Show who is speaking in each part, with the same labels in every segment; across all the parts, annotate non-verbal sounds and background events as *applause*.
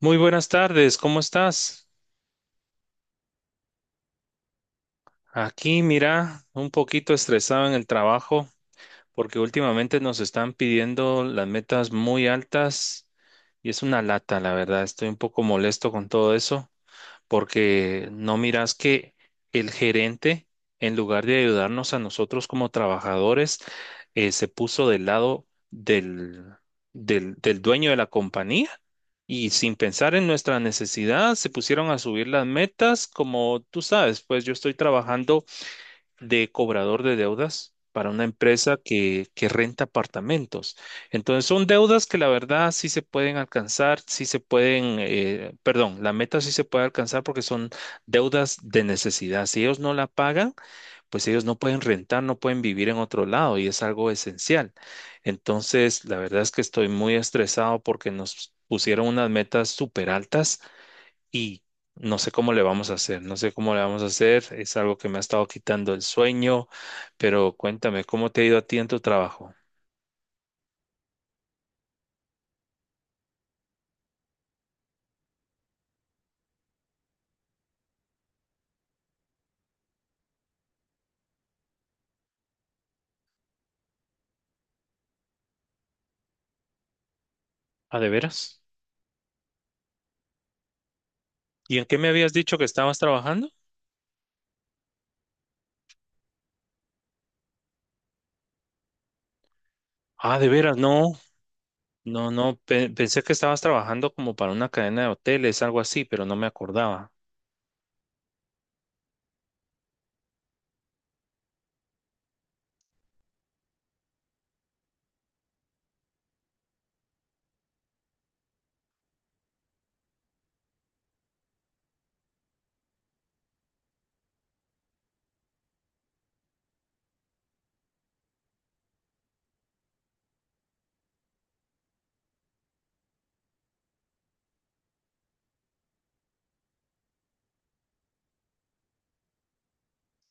Speaker 1: Muy buenas tardes, ¿cómo estás? Aquí, mira, un poquito estresado en el trabajo porque últimamente nos están pidiendo las metas muy altas y es una lata, la verdad. Estoy un poco molesto con todo eso, porque no miras que el gerente, en lugar de ayudarnos a nosotros como trabajadores, se puso del lado del dueño de la compañía y, sin pensar en nuestra necesidad, se pusieron a subir las metas. Como tú sabes, pues yo estoy trabajando de cobrador de deudas para una empresa que renta apartamentos. Entonces son deudas que, la verdad, sí se pueden alcanzar, sí se pueden, perdón, la meta sí se puede alcanzar, porque son deudas de necesidad. Si ellos no la pagan, pues ellos no pueden rentar, no pueden vivir en otro lado, y es algo esencial. Entonces, la verdad es que estoy muy estresado porque nos pusieron unas metas súper altas y no sé cómo le vamos a hacer, no sé cómo le vamos a hacer, es algo que me ha estado quitando el sueño, pero cuéntame, ¿cómo te ha ido a ti en tu trabajo? Ah, ¿de veras? ¿Y en qué me habías dicho que estabas trabajando? Ah, ¿de veras? No, no, no, pensé que estabas trabajando como para una cadena de hoteles, algo así, pero no me acordaba.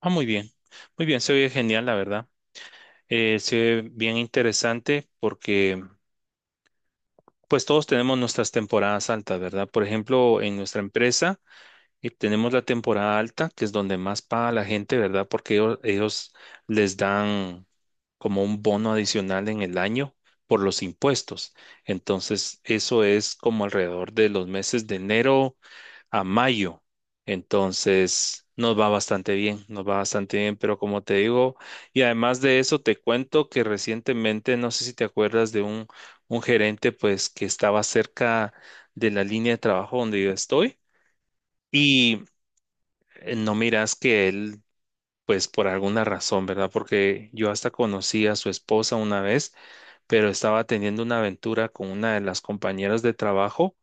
Speaker 1: Ah, muy bien, se oye genial, la verdad. Se oye bien interesante, porque pues todos tenemos nuestras temporadas altas, ¿verdad? Por ejemplo, en nuestra empresa. Y tenemos la temporada alta, que es donde más paga la gente, ¿verdad? Porque ellos les dan como un bono adicional en el año por los impuestos. Entonces, eso es como alrededor de los meses de enero a mayo. Entonces, nos va bastante bien, nos va bastante bien, pero como te digo, y además de eso, te cuento que recientemente, no sé si te acuerdas de un gerente, pues, que estaba cerca de la línea de trabajo donde yo estoy. Y no miras que él, pues por alguna razón, ¿verdad? Porque yo hasta conocí a su esposa una vez, pero estaba teniendo una aventura con una de las compañeras de trabajo,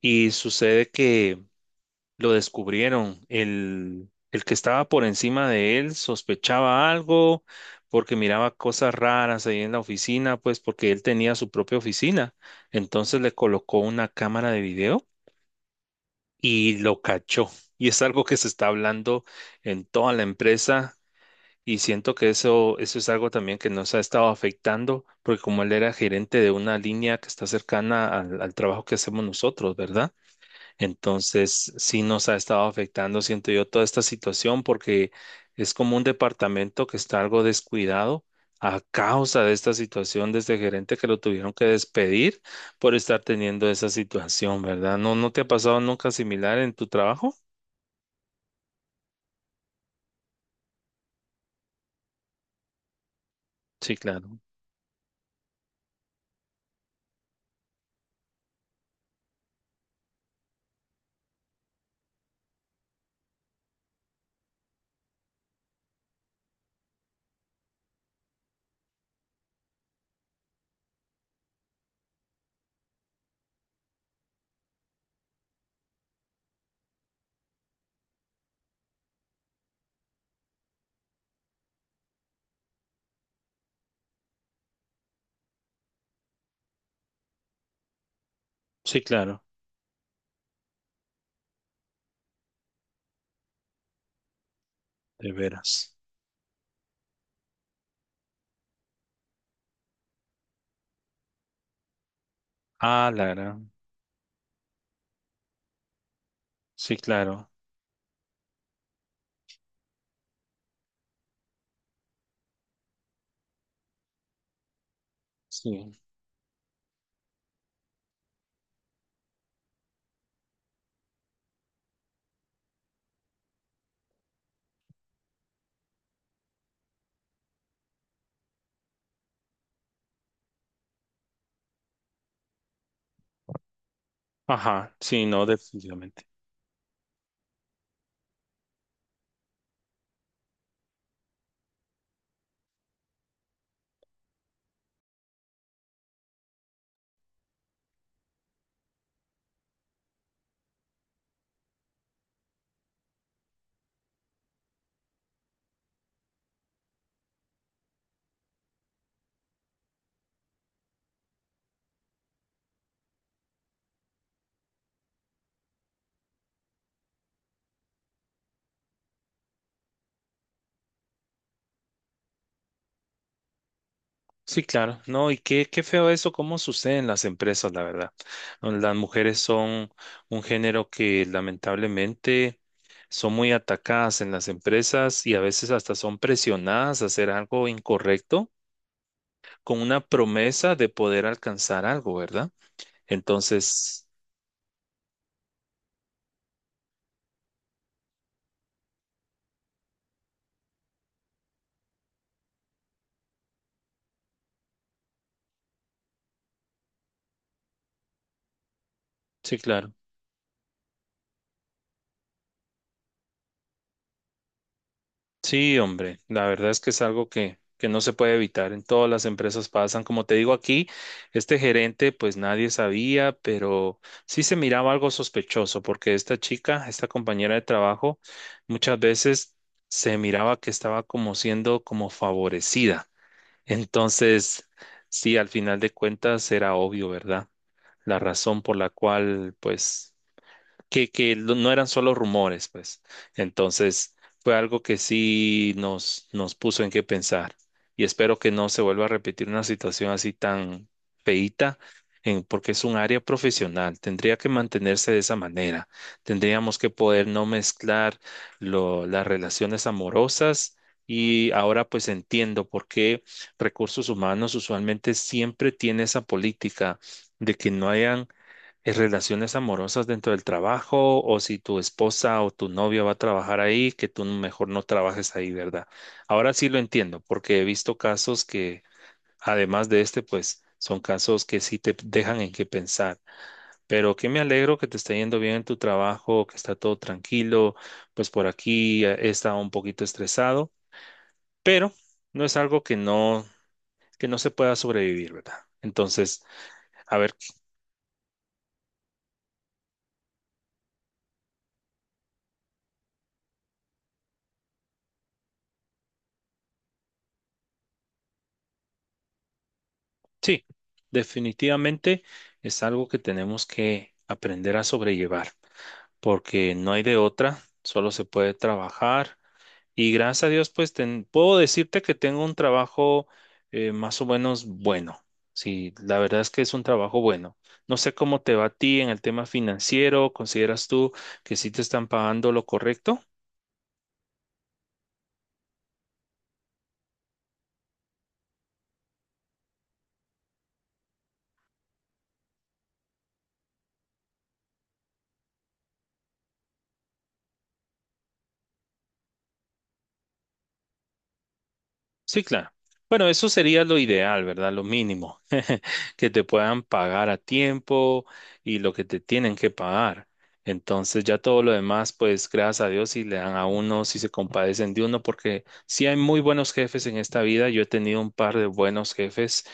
Speaker 1: y sucede que lo descubrieron. El que estaba por encima de él sospechaba algo porque miraba cosas raras ahí en la oficina, pues porque él tenía su propia oficina. Entonces le colocó una cámara de video y lo cachó. Y es algo que se está hablando en toda la empresa. Y siento que eso es algo también que nos ha estado afectando, porque como él era gerente de una línea que está cercana al trabajo que hacemos nosotros, ¿verdad? Entonces, sí nos ha estado afectando, siento yo, toda esta situación, porque es como un departamento que está algo descuidado a causa de esta situación de este gerente que lo tuvieron que despedir por estar teniendo esa situación, ¿verdad? ¿No, no te ha pasado nunca similar en tu trabajo? Sí, claro. Sí, claro. De veras. Ah, la gran. Sí, claro. Sí. Ajá, sí, no, definitivamente. Sí, claro. No, y qué, qué feo eso, cómo sucede en las empresas, la verdad. No, las mujeres son un género que, lamentablemente, son muy atacadas en las empresas y a veces hasta son presionadas a hacer algo incorrecto con una promesa de poder alcanzar algo, ¿verdad? Entonces, sí, claro. Sí, hombre, la verdad es que es algo que no se puede evitar. En todas las empresas pasan. Como te digo, aquí, este gerente, pues nadie sabía, pero sí se miraba algo sospechoso, porque esta chica, esta compañera de trabajo, muchas veces se miraba que estaba como siendo como favorecida. Entonces, sí, al final de cuentas era obvio, ¿verdad? La razón por la cual, pues que, no eran solo rumores, pues. Entonces, fue algo que sí nos puso en qué pensar. Y espero que no se vuelva a repetir una situación así tan feíta, en, porque es un área profesional. Tendría que mantenerse de esa manera. Tendríamos que poder no mezclar las relaciones amorosas. Y ahora pues entiendo por qué recursos humanos usualmente siempre tiene esa política de que no hayan relaciones amorosas dentro del trabajo, o si tu esposa o tu novia va a trabajar ahí, que tú mejor no trabajes ahí, ¿verdad? Ahora sí lo entiendo, porque he visto casos que, además de este, pues son casos que sí te dejan en qué pensar. Pero que me alegro que te está yendo bien en tu trabajo, que está todo tranquilo. Pues por aquí he estado un poquito estresado, pero no es algo que no se pueda sobrevivir, ¿verdad? Entonces, a ver. Sí, definitivamente es algo que tenemos que aprender a sobrellevar, porque no hay de otra, solo se puede trabajar, y gracias a Dios, pues puedo decirte que tengo un trabajo más o menos bueno. Sí, la verdad es que es un trabajo bueno. No sé cómo te va a ti en el tema financiero, ¿consideras tú que sí te están pagando lo correcto? Sí, claro. Bueno, eso sería lo ideal, ¿verdad? Lo mínimo, *laughs* que te puedan pagar a tiempo y lo que te tienen que pagar. Entonces ya todo lo demás, pues gracias a Dios si le dan a uno, si se compadecen de uno, porque sí hay muy buenos jefes en esta vida. Yo he tenido un par de buenos jefes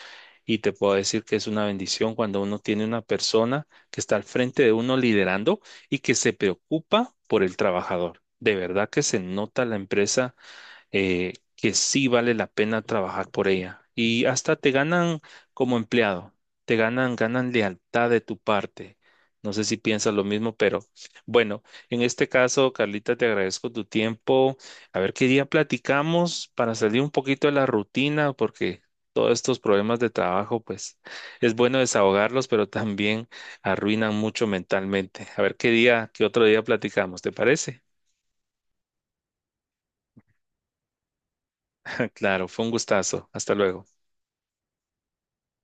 Speaker 1: y te puedo decir que es una bendición cuando uno tiene una persona que está al frente de uno liderando y que se preocupa por el trabajador. De verdad que se nota la empresa, que sí vale la pena trabajar por ella. Y hasta te ganan como empleado, te ganan, ganan lealtad de tu parte. No sé si piensas lo mismo, pero bueno, en este caso, Carlita, te agradezco tu tiempo. A ver qué día platicamos para salir un poquito de la rutina, porque todos estos problemas de trabajo, pues es bueno desahogarlos, pero también arruinan mucho mentalmente. A ver qué día, qué otro día platicamos, ¿te parece? *laughs* Claro, fue un gustazo. Hasta luego.